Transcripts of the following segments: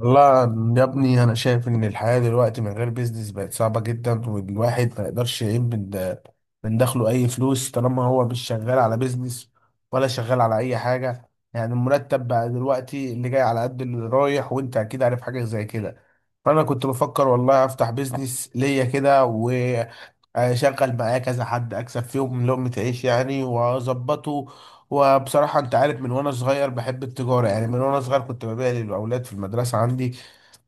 لا، يا ابني، انا شايف ان الحياه دلوقتي من غير بيزنس بقت صعبه جدا، والواحد ما يقدرش يعين من دخله اي فلوس طالما هو مش شغال على بيزنس ولا شغال على اي حاجه. يعني المرتب بقى دلوقتي اللي جاي على قد اللي رايح، وانت اكيد عارف حاجه زي كده. فانا كنت بفكر والله افتح بيزنس ليا كده و اشغل معايا كذا حد، اكسب فيهم لقمة عيش يعني، واظبطه. وبصراحة أنت عارف، من وأنا صغير بحب التجارة. يعني من وأنا صغير كنت ببيع للأولاد في المدرسة عندي،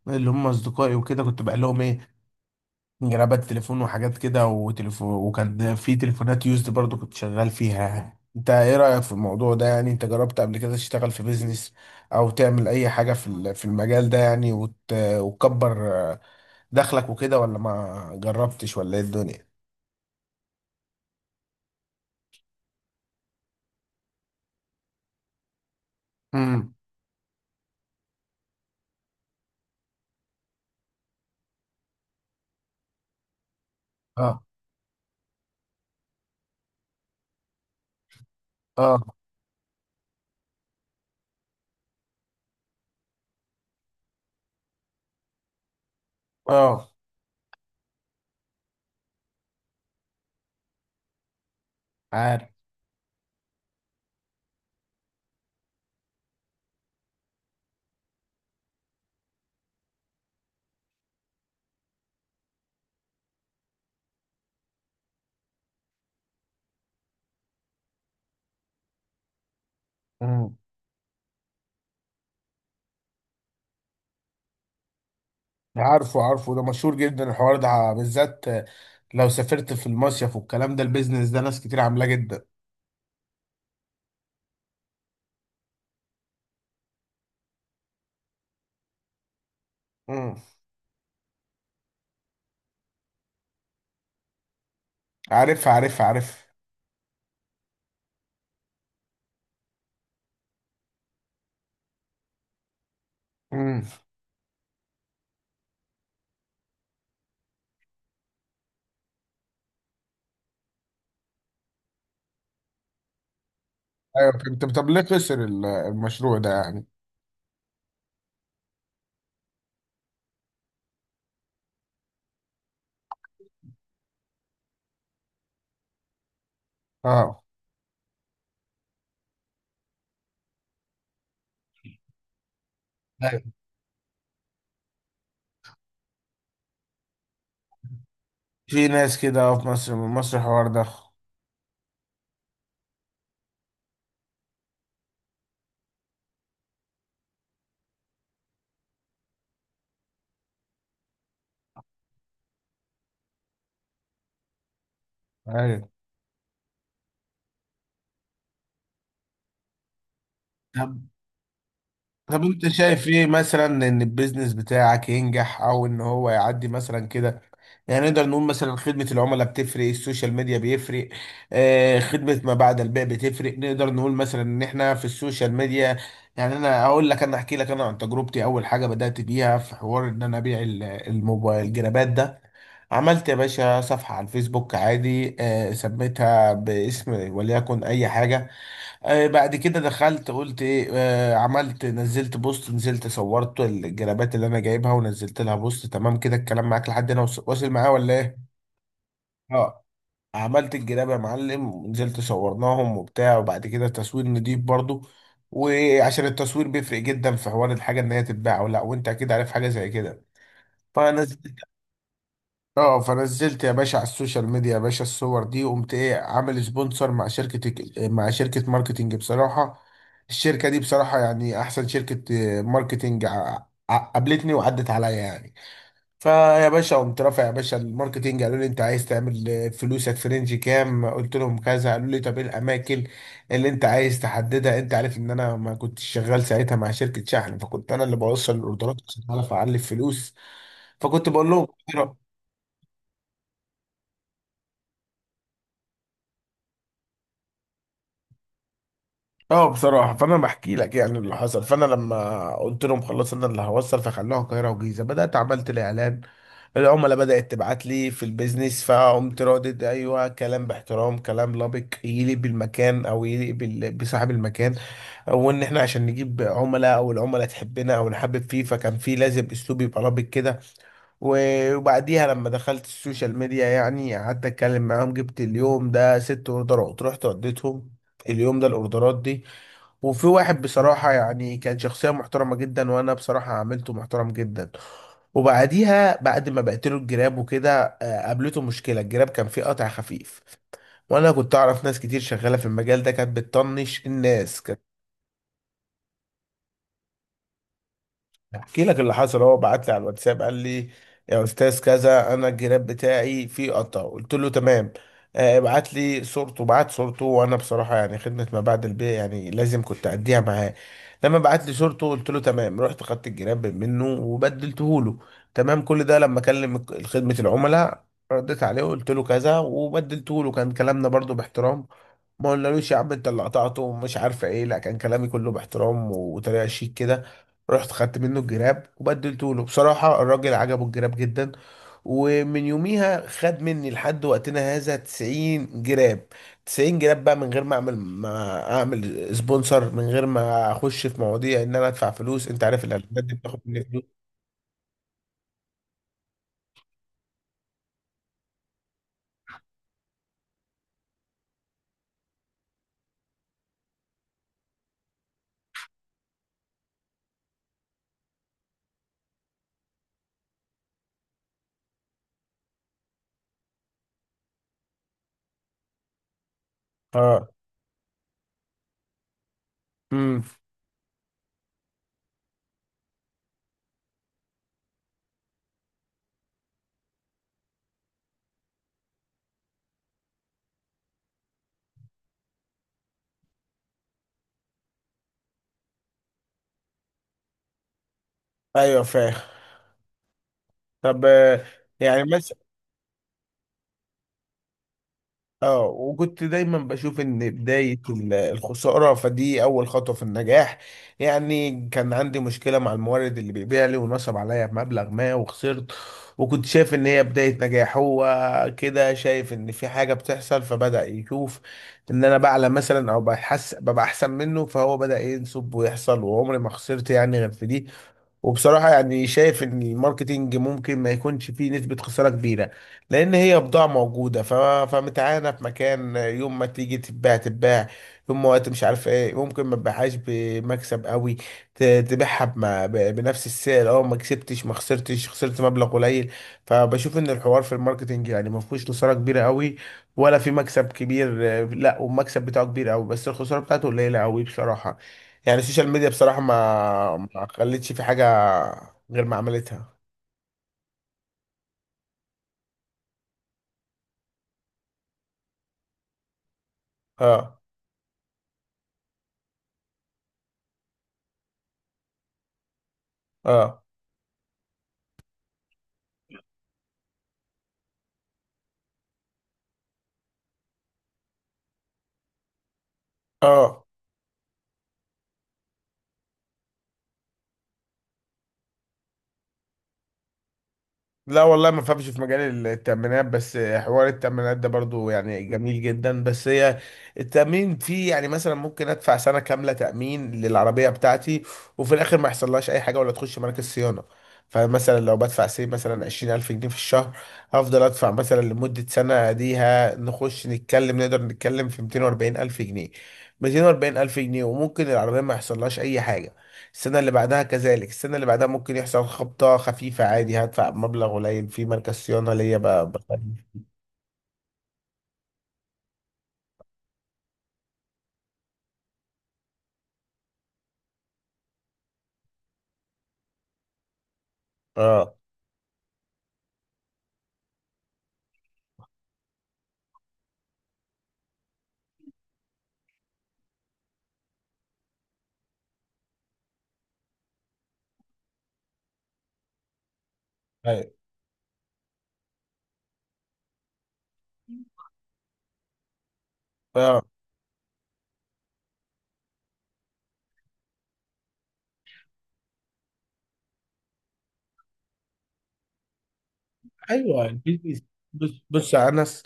اللي هم أصدقائي، وكده. كنت بقى لهم إيه، جرابات تليفون وحاجات كده وتليفون، وكان في تليفونات يوزد برضو كنت شغال فيها يعني. أنت إيه رأيك في الموضوع ده؟ يعني أنت جربت قبل كده تشتغل في بيزنس، أو تعمل أي حاجة في في المجال ده يعني؟ وتكبر دخلك وكده، ولا ما جربتش، ولا إيه الدنيا؟ امم. اه. اه. اه. عارف. عارفه، عارفه. ده مشهور جدا الحوار ده بالذات. لو سافرت في المصيف والكلام ده، البيزنس ده ناس كتير عاملاه جدا. امم. عارف، عارف، عارف. امم. ايوه، فهمت. طب ليه خسر المشروع ده يعني؟ اه. أيوة. في ناس كده في مصر، من مصر الحوار ده. ايوه. طب طب انت شايف ايه مثلا، ان البيزنس بتاعك ينجح او ان هو يعدي مثلا كده؟ يعني نقدر نقول مثلا خدمة العملاء بتفرق، السوشيال ميديا بيفرق، خدمة ما بعد البيع بتفرق. نقدر نقول مثلا ان احنا في السوشيال ميديا. يعني انا احكي لك، انا عن تجربتي، اول حاجة بدأت بيها في حوار ان انا ابيع الموبايل الجرابات ده. عملت يا باشا صفحة على الفيسبوك عادي، سميتها باسم وليكن اي حاجة. بعد كده دخلت قلت ايه. عملت، نزلت بوست، نزلت صورت الجرابات اللي انا جايبها، ونزلت لها بوست. تمام كده الكلام معاك لحد هنا واصل معاه، ولا ايه؟ اه. عملت الجراب يا معلم، ونزلت صورناهم وبتاع، وبعد كده تصوير نضيف برضو. وعشان التصوير بيفرق جدا في حوار الحاجة ان هي تتباع ولا لا، وانت اكيد عارف حاجة زي كده. فنزلت اه فنزلت يا باشا على السوشيال ميديا يا باشا الصور دي، وقمت ايه، عامل سبونسر مع شركة ماركتينج بصراحة. الشركة دي بصراحة يعني احسن شركة ماركتينج قابلتني وعدت عليا يعني. فيا باشا قمت رافع يا باشا الماركتينج، قالوا لي انت عايز تعمل فلوسك في رينج كام؟ قلت لهم كذا. قالوا لي طب ايه الاماكن اللي انت عايز تحددها؟ انت عارف ان انا ما كنتش شغال ساعتها مع شركة شحن، فكنت انا اللي بوصل الاوردرات عشان اعرف اعلي الفلوس. فكنت بقول لهم. اه، بصراحة فأنا بحكي لك يعني اللي حصل. فأنا لما قلت لهم خلاص أنا اللي هوصل، فخلوها القاهرة والجيزة. بدأت عملت الإعلان، العملاء بدأت تبعت لي في البيزنس، فقمت ردد أيوه كلام باحترام، كلام لبق يليق بالمكان أو يليق بصاحب المكان. وإن إحنا عشان نجيب عملاء، أو العملاء تحبنا، أو نحبب فيه، فكان في لازم أسلوب يبقى لبق كده. وبعديها لما دخلت السوشيال ميديا يعني قعدت أتكلم معاهم. جبت اليوم ده 6 أوردرات، رحت وديتهم. اليوم ده الاوردرات دي، وفي واحد بصراحة يعني كان شخصية محترمة جدا، وأنا بصراحة عملته محترم جدا. وبعديها بعد ما بقتله الجراب وكده قابلته مشكلة الجراب كان فيه قطع خفيف. وأنا كنت أعرف ناس كتير شغالة في المجال ده كانت بتطنش الناس. احكي لك اللي حصل. هو بعت لي على الواتساب، قال لي يا استاذ كذا انا الجراب بتاعي فيه قطع. قلت له تمام، ابعت لي صورته. بعت صورته، وانا بصراحه يعني خدمه ما بعد البيع يعني لازم كنت اديها معاه. لما بعت لي صورته قلت له تمام، رحت خدت الجراب منه وبدلته له. تمام كل ده لما اكلم خدمه العملاء، رديت عليه وقلت له كذا وبدلته له، كان كلامنا برضو باحترام. ما قلنالوش يا عم انت اللي قطعته ومش عارفه ايه، لا، كان كلامي كله باحترام وطريقه شيك كده. رحت خدت منه الجراب وبدلته له، بصراحة الراجل عجبه الجراب جدا. ومن يوميها خد مني لحد وقتنا هذا 90 جراب. 90 جراب بقى من غير ما اعمل سبونسر، من غير ما اخش في مواضيع ان انا ادفع فلوس. انت عارف الاعلانات دي بتاخد مني فلوس. اه. امم. ايوه، فاهم. طب. يعني. اه، وكنت دايما بشوف ان بداية الخسارة فدي اول خطوة في النجاح. يعني كان عندي مشكلة مع المورد اللي بيبيع لي، ونصب عليا بمبلغ ما وخسرت. وكنت شايف ان هي بداية نجاح. هو كده شايف ان في حاجة بتحصل، فبدأ يشوف ان انا بعلى مثلا، او بحس ببقى احسن منه، فهو بدأ ينصب ويحصل. وعمري ما خسرت يعني غير في دي. وبصراحة يعني شايف ان الماركتينج ممكن ما يكونش فيه نسبة خسارة كبيرة، لان هي بضاعة موجودة فمتعانة في مكان. يوم ما تيجي تتباع تتباع. يوم ما وقت مش عارف ايه، ممكن ما تبيعهاش بمكسب قوي، تبيعها بنفس السعر، اه ما كسبتش ما خسرتش، خسرت مبلغ قليل. فبشوف ان الحوار في الماركتينج يعني ما فيهوش خسارة كبيرة قوي، ولا في مكسب كبير. لا، والمكسب بتاعه كبير قوي، بس الخسارة بتاعته قليلة قوي بصراحة. يعني السوشيال ميديا بصراحة ما خلتش في حاجة غير ما عملتها. اه. اه. اه. لا والله ما فهمش في مجال التأمينات. بس حوار التأمينات ده برضو يعني جميل جدا. بس هي التأمين فيه يعني، مثلا ممكن أدفع سنة كاملة تأمين للعربية بتاعتي، وفي الآخر ما يحصلهاش أي حاجة، ولا تخش مراكز صيانة. فمثلا لو بدفع سي مثلا 20,000 جنيه في الشهر، هفضل أدفع مثلا لمدة سنة ديها، نخش نتكلم، نقدر نتكلم في 240,000 جنيه. 240,000 جنيه، وممكن العربية ما يحصلهاش أي حاجة. السنة اللي بعدها كذلك، السنة اللي بعدها ممكن يحصل خبطة خفيفة عادي، هدفع مبلغ قليل في مركز صيانة ليا بخلي. اه. أيوة. اه. ايوه. البيزنس. بص، بص يا انس،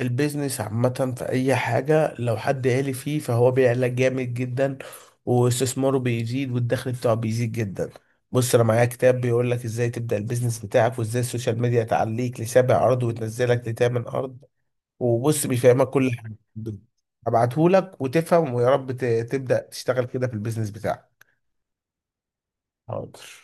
البيزنس عامة في اي حاجة لو حد عالي فيه فهو بيعلى جامد جدا، واستثماره بيزيد والدخل بتاعه بيزيد جدا. بص انا معايا كتاب بيقول لك ازاي تبدأ البيزنس بتاعك، وازاي السوشيال ميديا تعليك لسابع ارض وتنزلك لتامن ارض. وبص بيفهمك كل حاجه. هبعتهولك وتفهم، ويا رب تبدا تشتغل كده في البيزنس بتاعك. حاضر.